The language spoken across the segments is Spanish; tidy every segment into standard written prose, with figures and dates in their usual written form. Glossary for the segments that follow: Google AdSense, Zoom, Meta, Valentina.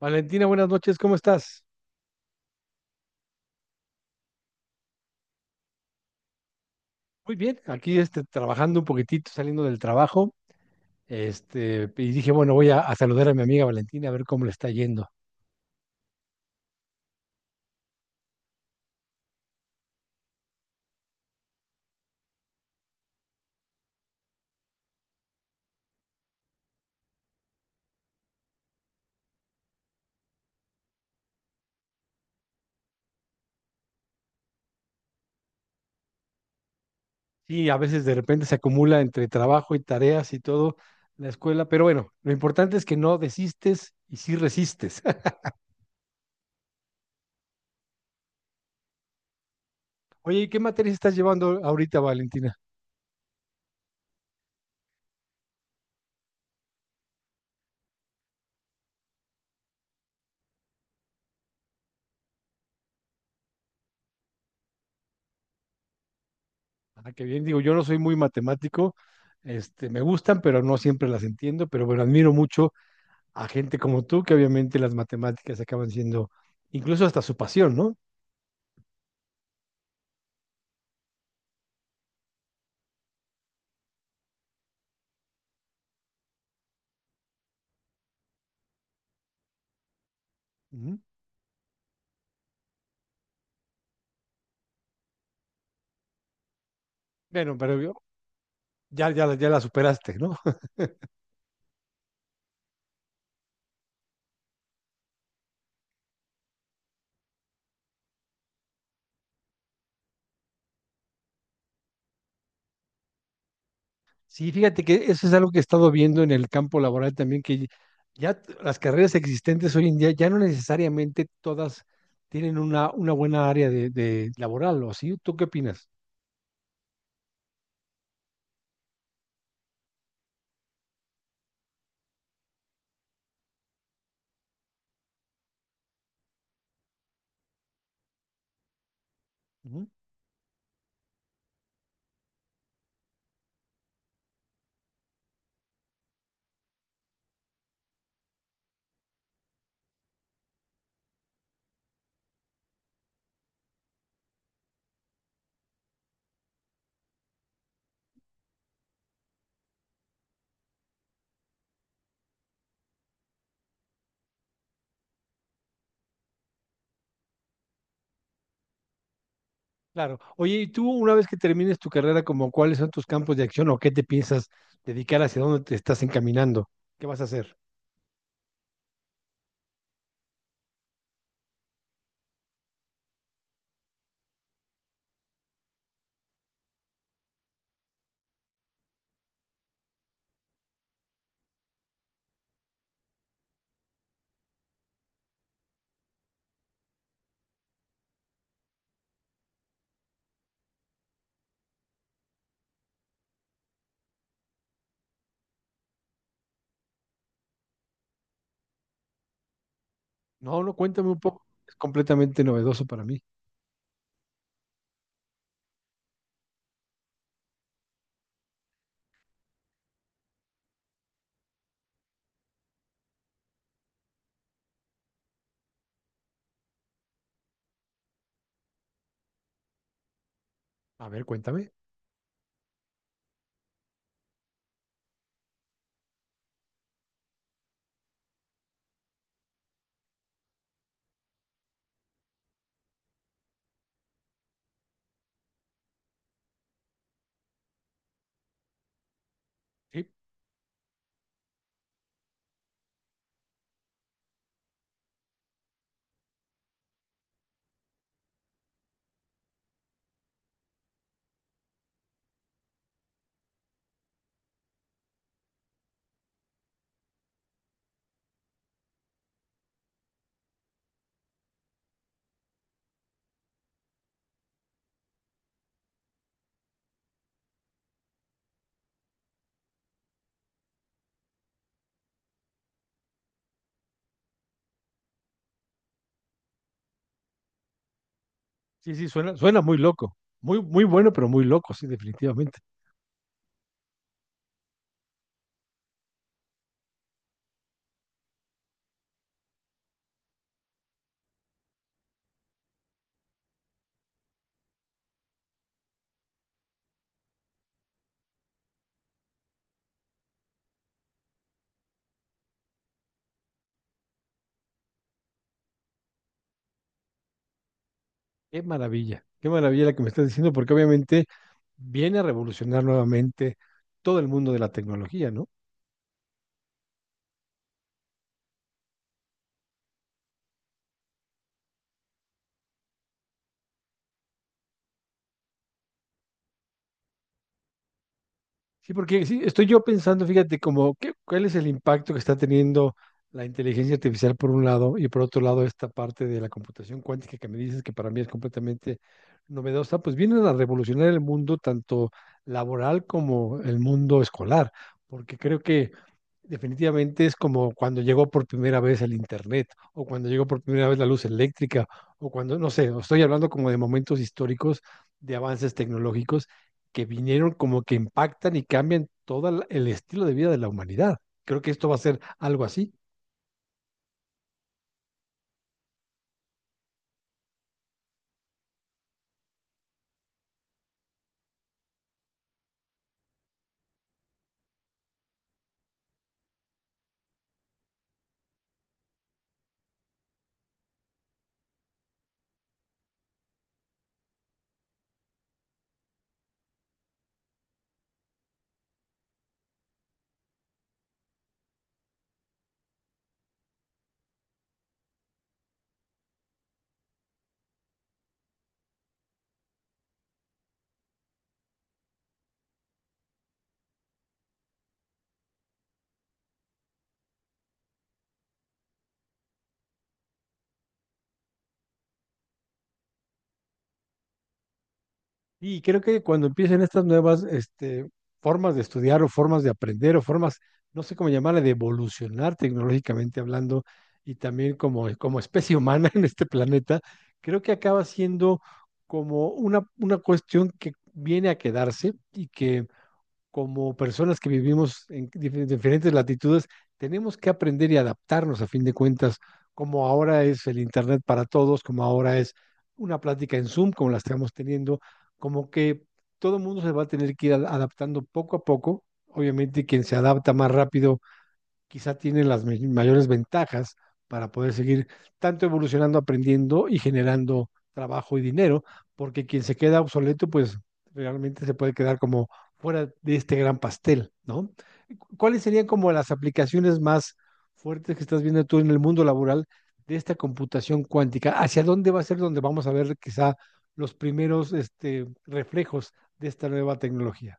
Valentina, buenas noches, ¿cómo estás? Muy bien, aquí trabajando un poquitito, saliendo del trabajo, y dije, bueno, voy a saludar a mi amiga Valentina a ver cómo le está yendo. Sí, a veces de repente se acumula entre trabajo y tareas y todo la escuela, pero bueno, lo importante es que no desistes y sí resistes. Oye, ¿y qué materias estás llevando ahorita, Valentina? Ah, qué bien, digo, yo no soy muy matemático, me gustan, pero no siempre las entiendo, pero bueno, admiro mucho a gente como tú, que obviamente las matemáticas acaban siendo incluso hasta su pasión, ¿no? Ujú. Bueno, pero yo- ya, ya, ya la superaste, ¿no? Sí, fíjate que eso es algo que he estado viendo en el campo laboral también, que ya las carreras existentes hoy en día ya no necesariamente todas tienen una buena área de laboral, ¿o sí? ¿Tú qué opinas? Ujú. Claro. Oye, ¿y tú una vez que termines tu carrera, como cuáles son tus campos de acción o qué te piensas dedicar, hacia dónde te estás encaminando? ¿Qué vas a hacer? No, no, cuéntame un poco. Es completamente novedoso para mí. A ver, cuéntame. Sí, sí, sí, suena muy loco. Muy, muy bueno, pero muy loco, sí, definitivamente. Qué maravilla la que me estás diciendo, porque obviamente viene a revolucionar nuevamente todo el mundo de la tecnología, ¿no? Sí, porque sí, estoy yo pensando, fíjate, como ¿qué- cuál es el impacto que está teniendo la inteligencia artificial por un lado y por otro lado esta parte de la computación cuántica que me dices que para mí es completamente novedosa, pues vienen a revolucionar el mundo tanto laboral como el mundo escolar, porque creo que definitivamente es como cuando llegó por primera vez el internet, o cuando llegó por primera vez la luz eléctrica, o cuando, no sé, o estoy hablando como de momentos históricos de avances tecnológicos que vinieron como que impactan y cambian todo el estilo de vida de la humanidad. Creo que esto va a ser algo así. Y creo que cuando empiecen estas nuevas formas de estudiar o formas de aprender o formas, no sé cómo llamarle, de evolucionar tecnológicamente hablando y también como especie humana en este planeta, creo que acaba siendo como una cuestión que viene a quedarse y que como personas que vivimos en diferentes latitudes, tenemos que aprender y adaptarnos a fin de cuentas, como ahora es el Internet para todos, como ahora es una plática en Zoom, como la estamos teniendo, como que todo el mundo se va a tener que ir adaptando poco a poco. Obviamente, quien se adapta más rápido quizá tiene las mayores ventajas para poder seguir tanto evolucionando, aprendiendo y generando trabajo y dinero, porque quien se queda obsoleto, pues realmente se puede quedar como fuera de este gran pastel, ¿no? ¿Cuáles serían como las aplicaciones más fuertes que estás viendo tú en el mundo laboral de esta computación cuántica? ¿Hacia dónde va a ser donde vamos a ver quizá los primeros reflejos de esta nueva tecnología?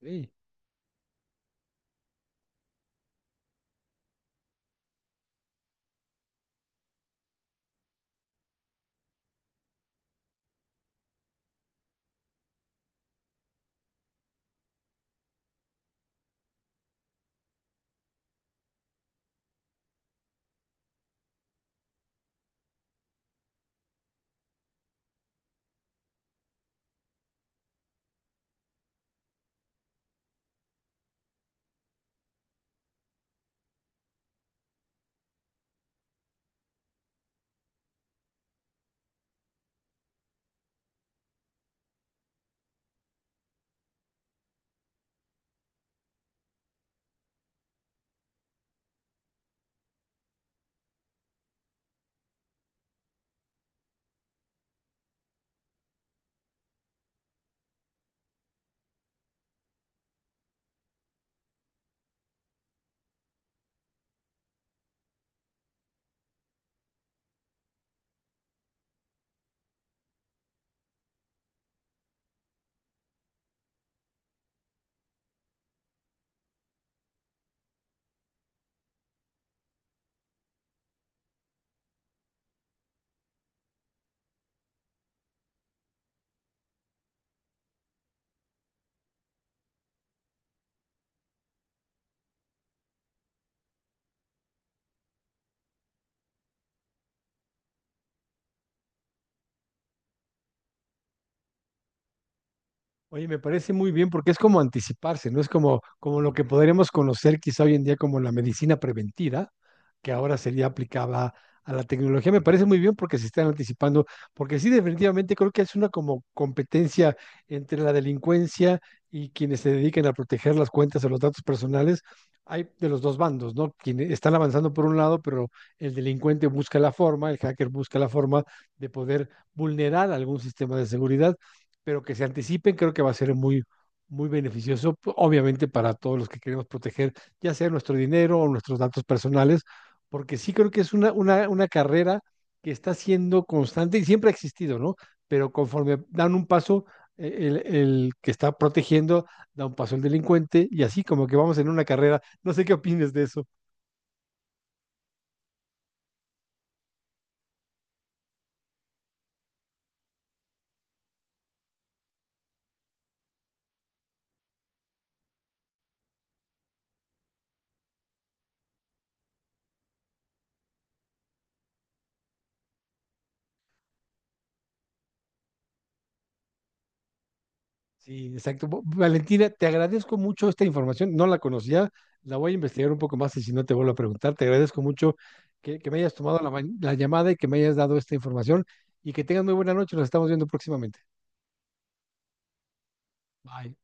Sí. Oye, me parece muy bien porque es como anticiparse, ¿no? Es como, como lo que podríamos conocer quizá hoy en día como la medicina preventiva, que ahora sería aplicada a la tecnología. Me parece muy bien porque se están anticipando, porque sí, definitivamente creo que es una como competencia entre la delincuencia y quienes se dedican a proteger las cuentas o los datos personales. Hay de los dos bandos, ¿no? Quienes están avanzando por un lado, pero el delincuente busca la forma, el hacker busca la forma de poder vulnerar algún sistema de seguridad pero que se anticipen creo que va a ser muy, muy beneficioso, obviamente para todos los que queremos proteger, ya sea nuestro dinero o nuestros datos personales, porque sí creo que es una carrera que está siendo constante y siempre ha existido, ¿no? Pero conforme dan un paso, eh, el que está protegiendo da un paso el delincuente y así como que vamos en una carrera. No sé qué opines de eso. Sí, exacto. Valentina, te agradezco mucho esta información. No la conocía, la voy a investigar un poco más y si no te vuelvo a preguntar, te agradezco mucho que me hayas tomado la llamada y que me hayas dado esta información y que tengas muy buena noche. Nos estamos viendo próximamente. Bye.